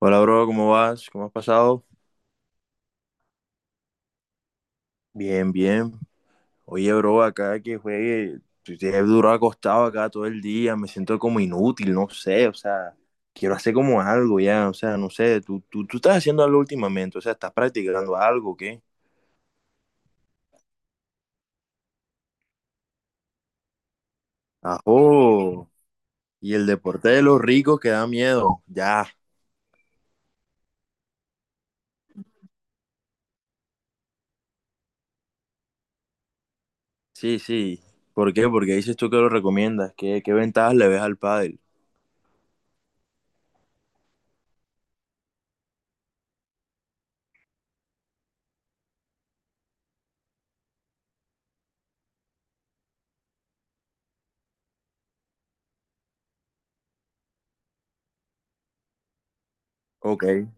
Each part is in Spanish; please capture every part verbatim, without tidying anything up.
Hola, bro, ¿cómo vas? ¿Cómo has pasado? Bien, bien. Oye, bro, acá que juegue, pues, he durado acostado acá todo el día, me siento como inútil, no sé, o sea, quiero hacer como algo ya, o sea, no sé, tú, tú, tú estás haciendo algo últimamente, o sea, estás practicando algo, o ¿qué? Ajo, y el deporte de los ricos que da miedo, ya, sí, sí. ¿Por qué? Porque dices tú que lo recomiendas, ¿qué, qué ventajas le ves al pádel? Ok.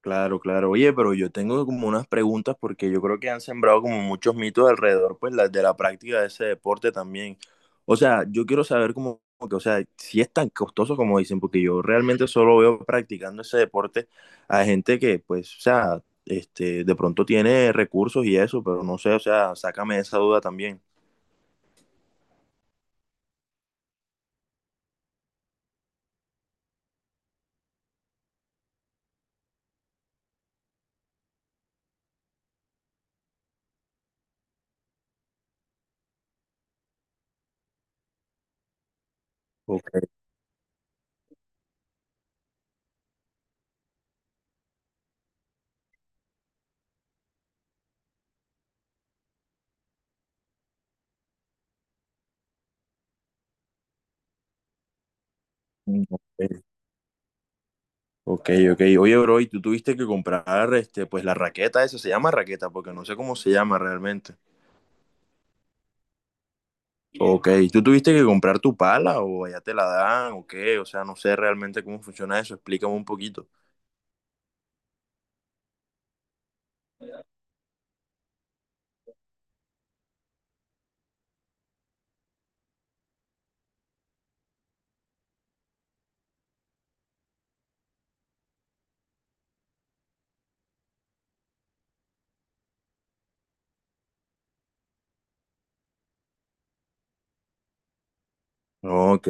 Claro, claro. Oye, pero yo tengo como unas preguntas porque yo creo que han sembrado como muchos mitos alrededor, pues, la- de la práctica de ese deporte también. O sea, yo quiero saber como como que, o sea, si es tan costoso como dicen, porque yo realmente solo veo practicando ese deporte a gente que, pues, o sea, este, de pronto tiene recursos y eso, pero no sé, o sea, sácame esa duda también. Ok, ok, ok. ok. Oye, bro, y tú tuviste que comprar, este, pues, la raqueta, esa se llama raqueta, porque no sé cómo se llama realmente. Ok, ¿tú tuviste que comprar tu pala o allá te la dan o qué? O sea, no sé realmente cómo funciona eso, explícame un poquito. Ok.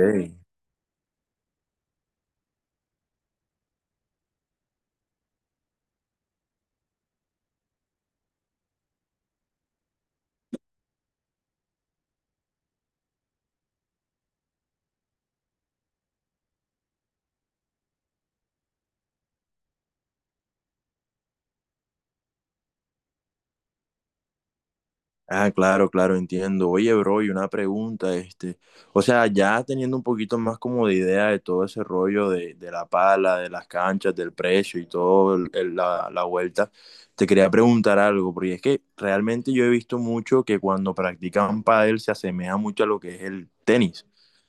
Ah, claro, claro, entiendo. Oye, bro, y una pregunta, este, o sea, ya teniendo un poquito más como de idea de todo ese rollo de, de la pala, de las canchas, del precio y todo el- el- la, la vuelta, te quería preguntar algo, porque es que realmente yo he visto mucho que cuando practican pádel se asemeja mucho a lo que es el tenis.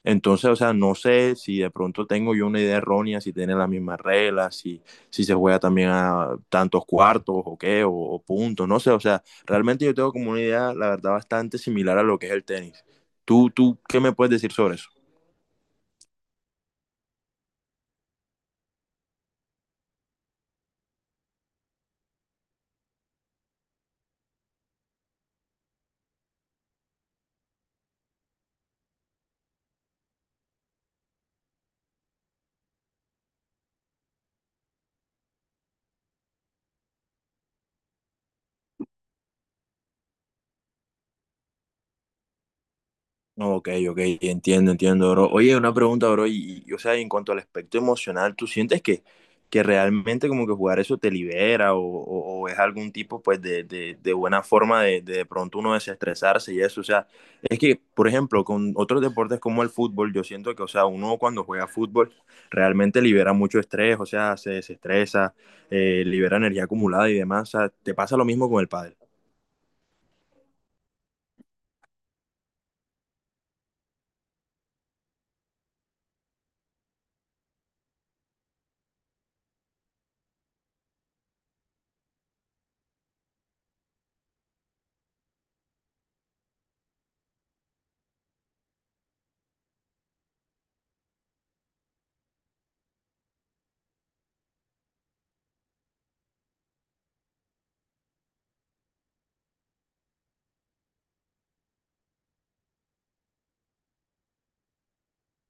Entonces, o sea, no sé si de pronto tengo yo una idea errónea, si tienen las mismas reglas, si, si se juega también a tantos cuartos o qué, o o puntos, no sé, o sea. Realmente yo tengo como una idea, la verdad, bastante similar a lo que es el tenis. ¿Tú, tú qué me puedes decir sobre eso? Ok, ok, entiendo, entiendo, bro. Oye, una pregunta, bro, y, y, o sea, en cuanto al aspecto emocional, ¿tú sientes que, que realmente como que jugar eso te libera o, o- o es algún tipo, pues, de, de- de buena forma de, de de pronto uno desestresarse y eso? O sea, es que, por ejemplo, con otros deportes como el fútbol, yo siento que, o sea, uno cuando juega fútbol realmente libera mucho estrés, o sea, se desestresa, eh, libera energía acumulada y demás. O sea, ¿te pasa lo mismo con el pádel?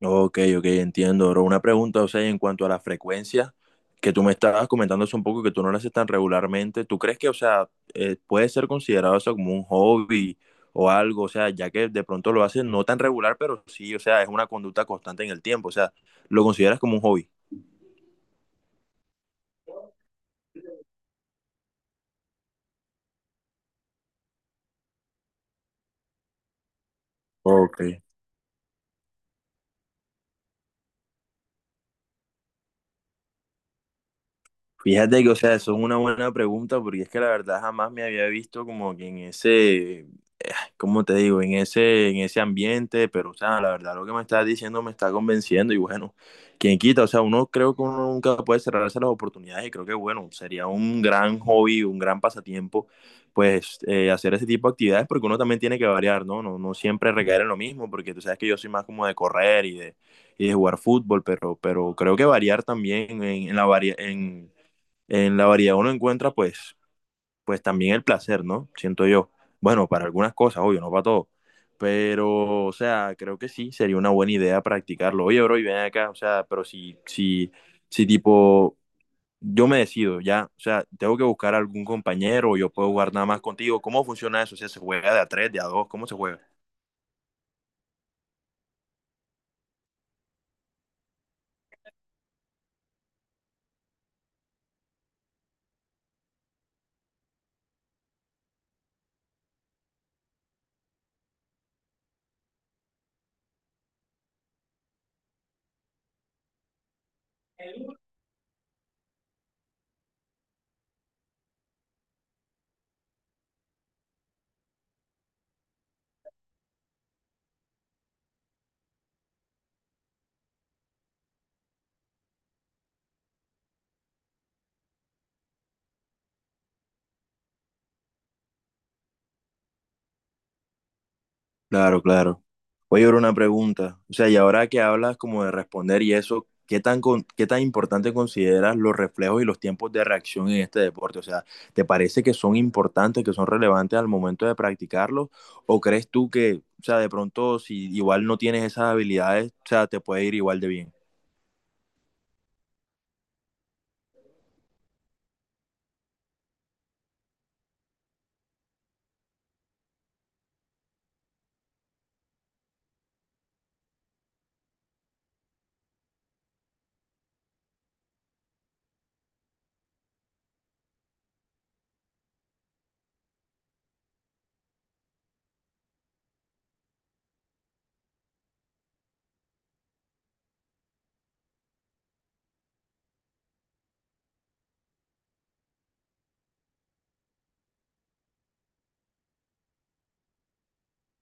Ok, ok, entiendo, bro. Una pregunta, o sea, en cuanto a la frecuencia que tú me estabas comentando hace un poco que tú no lo haces tan regularmente, ¿tú crees que, o sea, eh, puede ser considerado eso como un hobby o algo? O sea, ya que de pronto lo haces no tan regular, pero sí, o sea, es una conducta constante en el tiempo, o sea, ¿lo consideras como un hobby? Ok. Fíjate que, o sea, eso es una buena pregunta porque es que la verdad jamás me había visto como que en ese como te digo, en ese, en ese ambiente, pero, o sea, la verdad, lo que me estás diciendo me está convenciendo y bueno, quien quita, o sea, uno creo que uno nunca puede cerrarse las oportunidades y creo que, bueno, sería un gran hobby, un gran pasatiempo, pues, eh, hacer ese tipo de actividades porque uno también tiene que variar, ¿no? No, no siempre recaer en lo mismo porque tú sabes que yo soy más como de correr y de, y de jugar fútbol, pero, pero creo que variar también en, en la varia en en la variedad uno encuentra pues pues también el placer, ¿no? Siento yo. Bueno, para algunas cosas, obvio, no para todo. Pero, o sea, creo que sí, sería una buena idea practicarlo. Oye, bro, y ven acá, o sea, pero si, si, si tipo, yo me decido, ya, o sea, tengo que buscar algún compañero, o yo puedo jugar nada más contigo. ¿Cómo funciona eso? O sea, ¿se juega de a tres, de a dos? ¿Cómo se juega? Claro, claro. Oye, ahora una pregunta. O sea, y ahora que hablas como de responder y eso, ¿qué tan, con- ¿qué tan importante consideras los reflejos y los tiempos de reacción en este deporte? O sea, ¿te parece que son importantes, que son relevantes al momento de practicarlos? ¿O crees tú que, o sea, de pronto si igual no tienes esas habilidades, o sea, te puede ir igual de bien?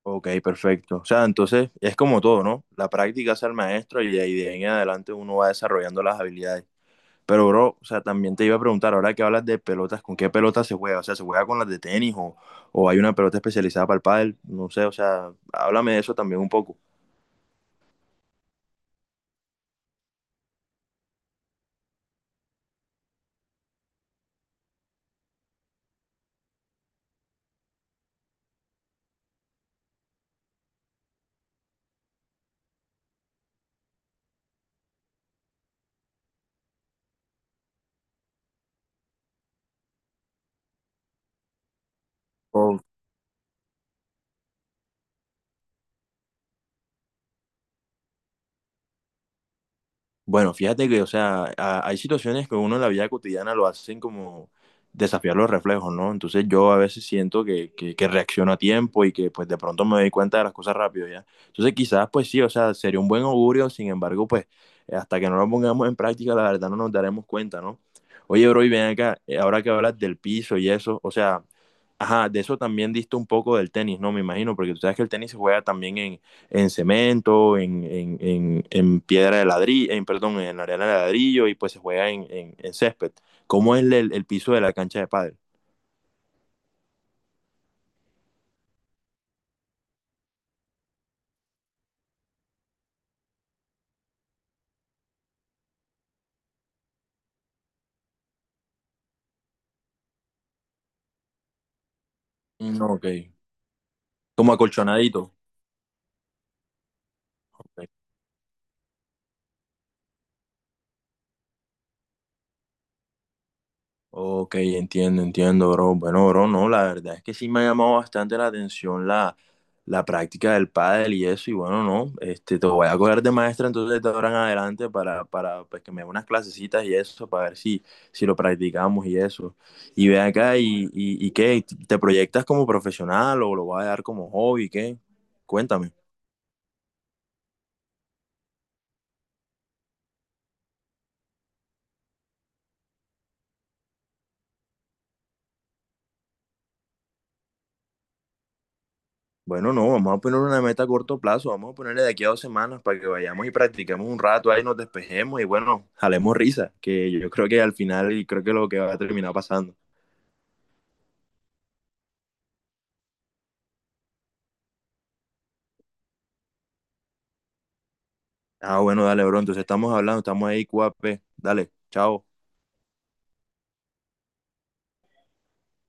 Ok, perfecto. O sea, entonces es como todo, ¿no? La práctica es el maestro y de ahí de ahí en adelante uno va desarrollando las habilidades. Pero, bro, o sea, también te iba a preguntar, ahora que hablas de pelotas, ¿con qué pelotas se juega? O sea, ¿se juega con las de tenis o, o hay una pelota especializada para el pádel? No sé, o sea, háblame de eso también un poco. Bueno, fíjate que, o sea, a- hay situaciones que uno en la vida cotidiana lo hacen como desafiar los reflejos, ¿no? Entonces yo a veces siento que, que, que reacciono a tiempo y que pues de pronto me doy cuenta de las cosas rápido, ¿ya? Entonces quizás pues sí, o sea, sería un buen augurio, sin embargo, pues hasta que no lo pongamos en práctica, la verdad no nos daremos cuenta, ¿no? Oye, bro, y ven acá, eh, ahora que hablas del piso y eso, o sea, ajá, de eso también diste un poco del tenis, ¿no? Me imagino, porque tú sabes que el tenis se juega también en, en cemento, en, en, en, en piedra de ladrillo, en, perdón, en arena de ladrillo y pues se juega en, en en césped. ¿Cómo es el, el piso de la cancha de pádel? No, ok. Como acolchonadito. Ok. Ok, entiendo, entiendo, bro. Bueno, bro, no, la verdad es que sí me ha llamado bastante la atención la, la práctica del pádel y eso, y bueno, no, este, te voy a coger de maestra entonces de ahora en adelante para, para pues, que me dé unas clasecitas y eso, para ver si, si lo practicamos y eso. Y ve acá, y, y, y qué, ¿te proyectas como profesional o lo vas a dar como hobby, qué? Cuéntame. Bueno, no, vamos a poner una meta a corto plazo, vamos a ponerle de aquí a dos semanas para que vayamos y practiquemos un rato ahí, nos despejemos y bueno, jalemos risa, que yo creo que al final y creo que es lo que va a terminar pasando. Ah, bueno, dale, bro, entonces estamos hablando, estamos ahí, Q A P, dale, chao.